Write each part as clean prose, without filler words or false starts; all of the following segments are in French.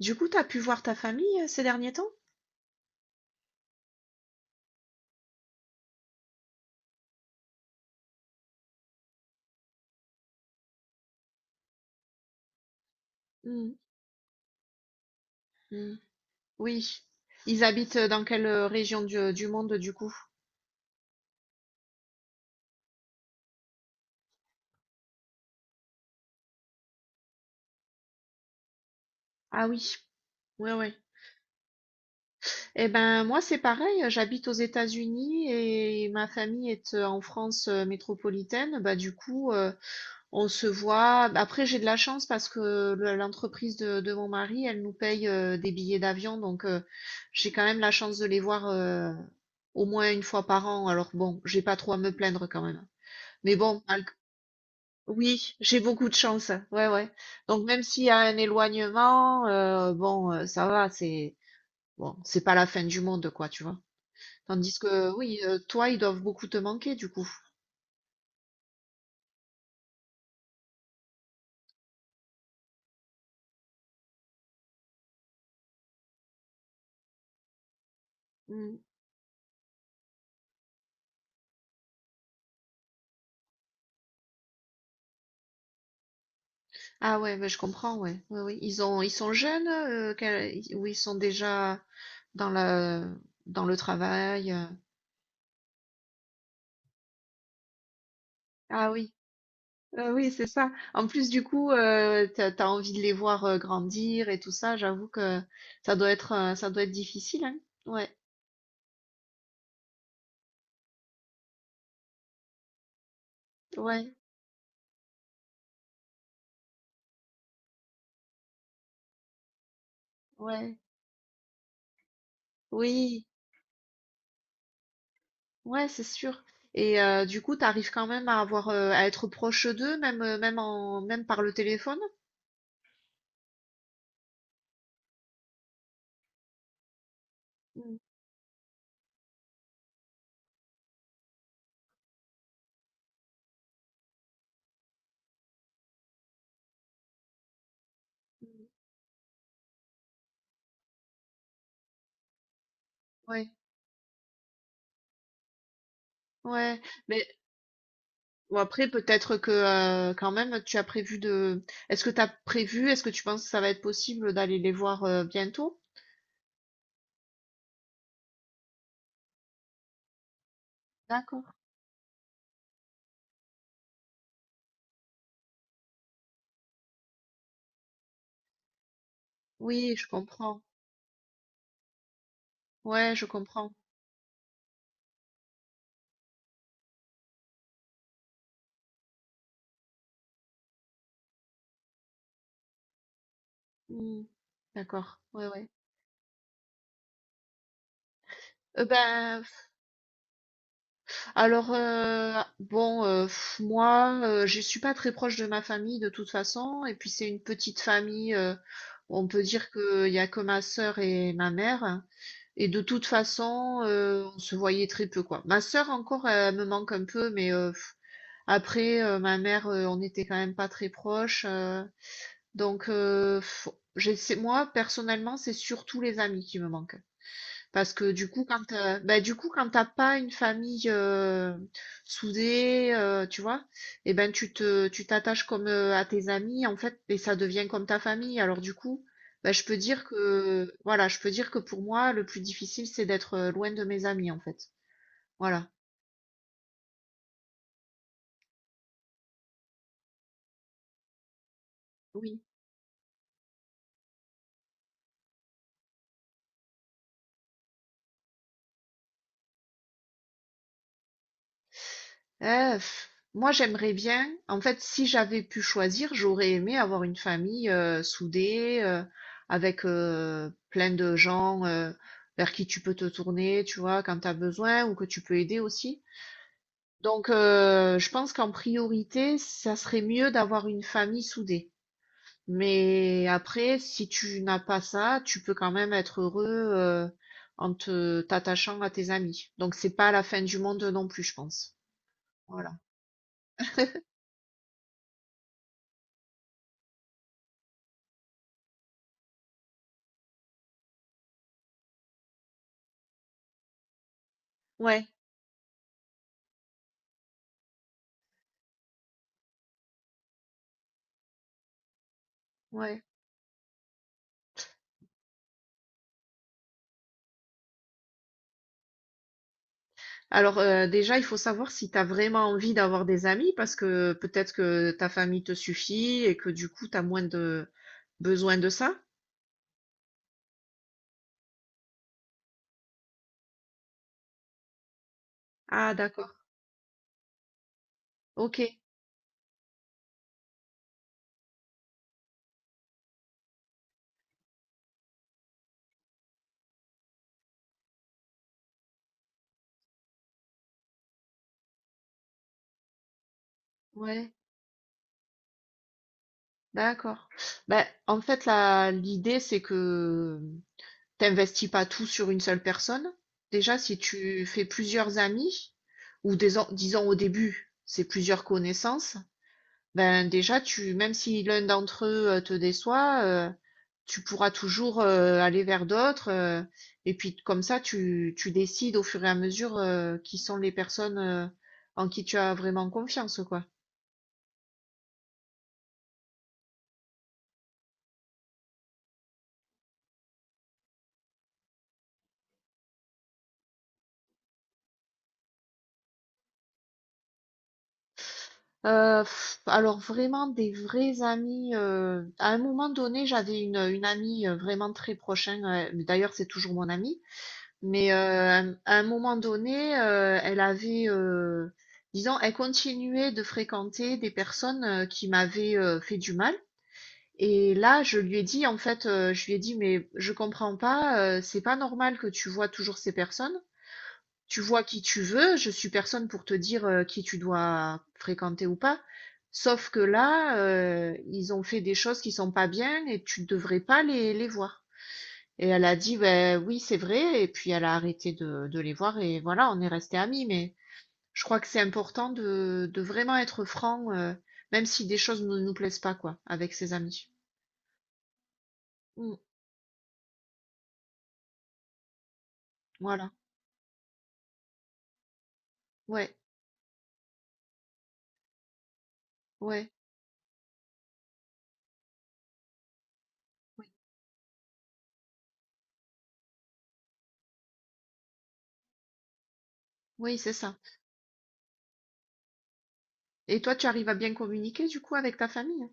Du coup, t'as pu voir ta famille ces derniers temps? Hmm. Hmm. Oui. Ils habitent dans quelle région du monde du coup? Ah oui, ouais, ouais. Eh ben moi c'est pareil, j'habite aux États-Unis et ma famille est en France métropolitaine. Bah du coup, on se voit. Après j'ai de la chance parce que l'entreprise de mon mari, elle nous paye des billets d'avion, donc j'ai quand même la chance de les voir au moins une fois par an. Alors bon, j'ai pas trop à me plaindre quand même. Mais bon, oui, j'ai beaucoup de chance. Ouais, ouais. Donc même s'il y a un éloignement, bon, ça va, c'est bon, c'est pas la fin du monde, quoi, tu vois. Tandis que oui, toi, ils doivent beaucoup te manquer, du coup. Mm. Ah ouais, mais je comprends, ouais. Oui, oui. Ils sont jeunes, ou ils sont déjà dans dans le travail. Ah oui, oui, c'est ça. En plus, du coup, t'as envie de les voir grandir et tout ça. J'avoue que ça doit être difficile, hein. Ouais. Ouais, ouais, oui, ouais, c'est sûr. Et du coup, t'arrives quand même à avoir, à être proche d'eux, même, même par le téléphone. Mm. Mm. Ouais, ouais. Mais bon, après, peut-être que quand même, tu as prévu de. Est-ce que tu penses que ça va être possible d'aller les voir bientôt? D'accord. Oui, je comprends. Ouais, je comprends. Mm. D'accord. Ouais, ouais. Ben, alors, bon, moi, je suis pas très proche de ma famille de toute façon et puis c'est une petite famille, on peut dire qu'il y a que ma sœur et ma mère et de toute façon, on se voyait très peu, quoi. Ma sœur encore, elle me manque un peu mais après, ma mère, on était quand même pas très proches, donc heu, j'essaie moi personnellement, c'est surtout les amis qui me manquent. Parce que du coup, du coup, quand t'as pas une famille soudée, tu vois, eh ben tu t'attaches comme à tes amis, en fait, et ça devient comme ta famille. Alors du coup, bah, je peux dire que voilà, je peux dire que pour moi, le plus difficile, c'est d'être loin de mes amis, en fait. Voilà. Heu, moi j'aimerais bien en fait, si j'avais pu choisir, j'aurais aimé avoir une famille, soudée, avec, plein de gens, vers qui tu peux te tourner, tu vois? Quand tu as besoin ou que tu peux aider aussi. Donc je pense qu'en priorité, ça serait mieux d'avoir une famille soudée. Mais après, si tu n'as pas ça, tu peux quand même être heureux, en te t'attachant à tes amis. Donc c'est pas la fin du monde non plus, je pense. Voilà. Ouais. Ouais. Alors déjà, il faut savoir si tu as vraiment envie d'avoir des amis parce que peut-être que ta famille te suffit et que du coup, tu as moins de besoin de ça. Ah, d'accord. Ok. Ouais, d'accord. Ben, en fait, la l'idée, c'est que t'investis pas tout sur une seule personne. Déjà, si tu fais plusieurs amis, ou des, disons au début, c'est plusieurs connaissances, ben déjà, tu, même si l'un d'entre eux te déçoit, tu pourras toujours aller vers d'autres. Et puis comme ça, tu décides au fur et à mesure qui sont les personnes en qui tu as vraiment confiance, quoi. Alors vraiment des vrais amis. À un moment donné, j'avais une amie vraiment très prochaine. D'ailleurs, c'est toujours mon amie. Mais, à un moment donné, elle avait, disons, elle continuait de fréquenter des personnes, qui m'avaient, fait du mal et là, je lui ai dit, en fait, je lui ai dit: «Mais je comprends pas, c'est pas normal que tu vois toujours ces personnes. Tu vois qui tu veux, je suis personne pour te dire, qui tu dois fréquenter ou pas. Sauf que là, ils ont fait des choses qui sont pas bien et tu devrais pas les voir». Et elle a dit, ben oui, c'est vrai. Et puis elle a arrêté de les voir et voilà, on est resté amis. Mais je crois que c'est important de vraiment être franc, même si des choses ne nous plaisent pas, quoi, avec ses amis. Mm, voilà. Ouais, ouais, oui, c'est ça. Et toi, tu arrives à bien communiquer du coup avec ta famille?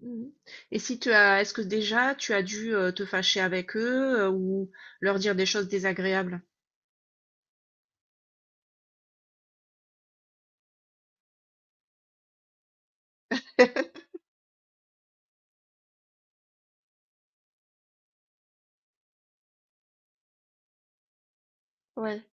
Mhm. Et si tu as, est-ce que déjà tu as dû te fâcher avec eux ou leur dire des choses désagréables? Ouais.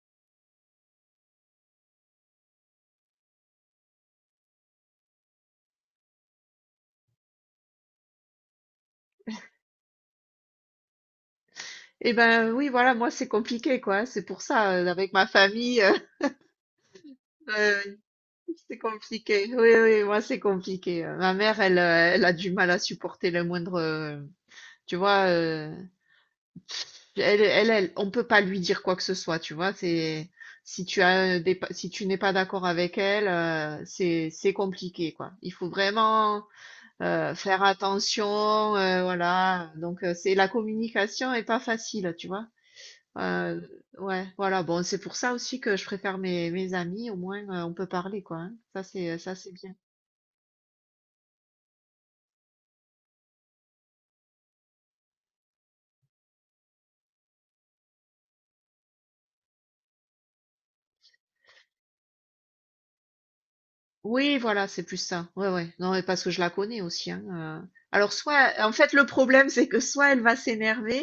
Eh ben oui, voilà, moi c'est compliqué quoi. C'est pour ça avec ma famille, euh, c'est compliqué. Oui, oui, moi, c'est compliqué. Ma mère, elle, elle a du mal à supporter le moindre. Tu vois, elle, on peut pas lui dire quoi que ce soit. Tu vois, c'est si tu as des, si tu n'es pas d'accord avec elle, c'est compliqué, quoi. Il faut vraiment faire attention, voilà. Donc, c'est la communication est pas facile, tu vois. Euh, ouais, voilà. Bon, c'est pour ça aussi que je préfère mes amis. Au moins, on peut parler, quoi. Hein. Ça, c'est bien. Oui, voilà, c'est plus ça. Ouais, ouais. Non, mais parce que je la connais aussi, hein, Alors soit en fait, le problème, c'est que soit elle va s'énerver,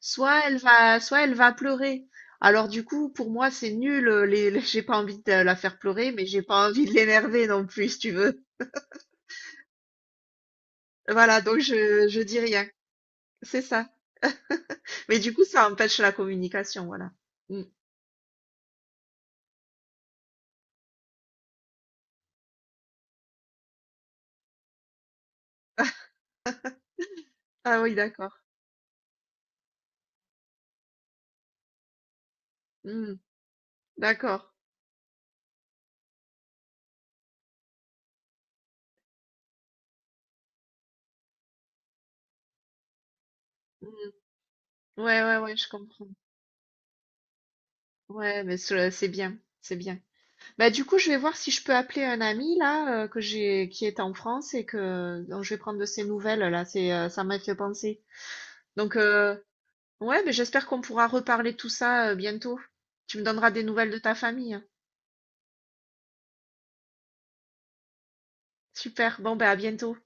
soit elle va pleurer. Alors du coup, pour moi, c'est nul, les j'ai pas envie de la faire pleurer, mais j'ai pas envie de l'énerver non plus, si tu veux. Voilà, donc je dis rien. C'est ça. Mais du coup, ça empêche la communication, voilà. Mmh. Ah oui, d'accord. Mmh. D'accord. Mmh. Ouais, ouais, ouais, je comprends. Ouais, mais ce c'est bien, c'est bien. Bah du coup, je vais voir si je peux appeler un ami là que j'ai qui est en France et que dont je vais prendre de ses nouvelles là. C'est ça m'a fait penser. Donc ouais, mais j'espère qu'on pourra reparler de tout ça bientôt. Tu me donneras des nouvelles de ta famille. Hein. Super. Bon bah à bientôt.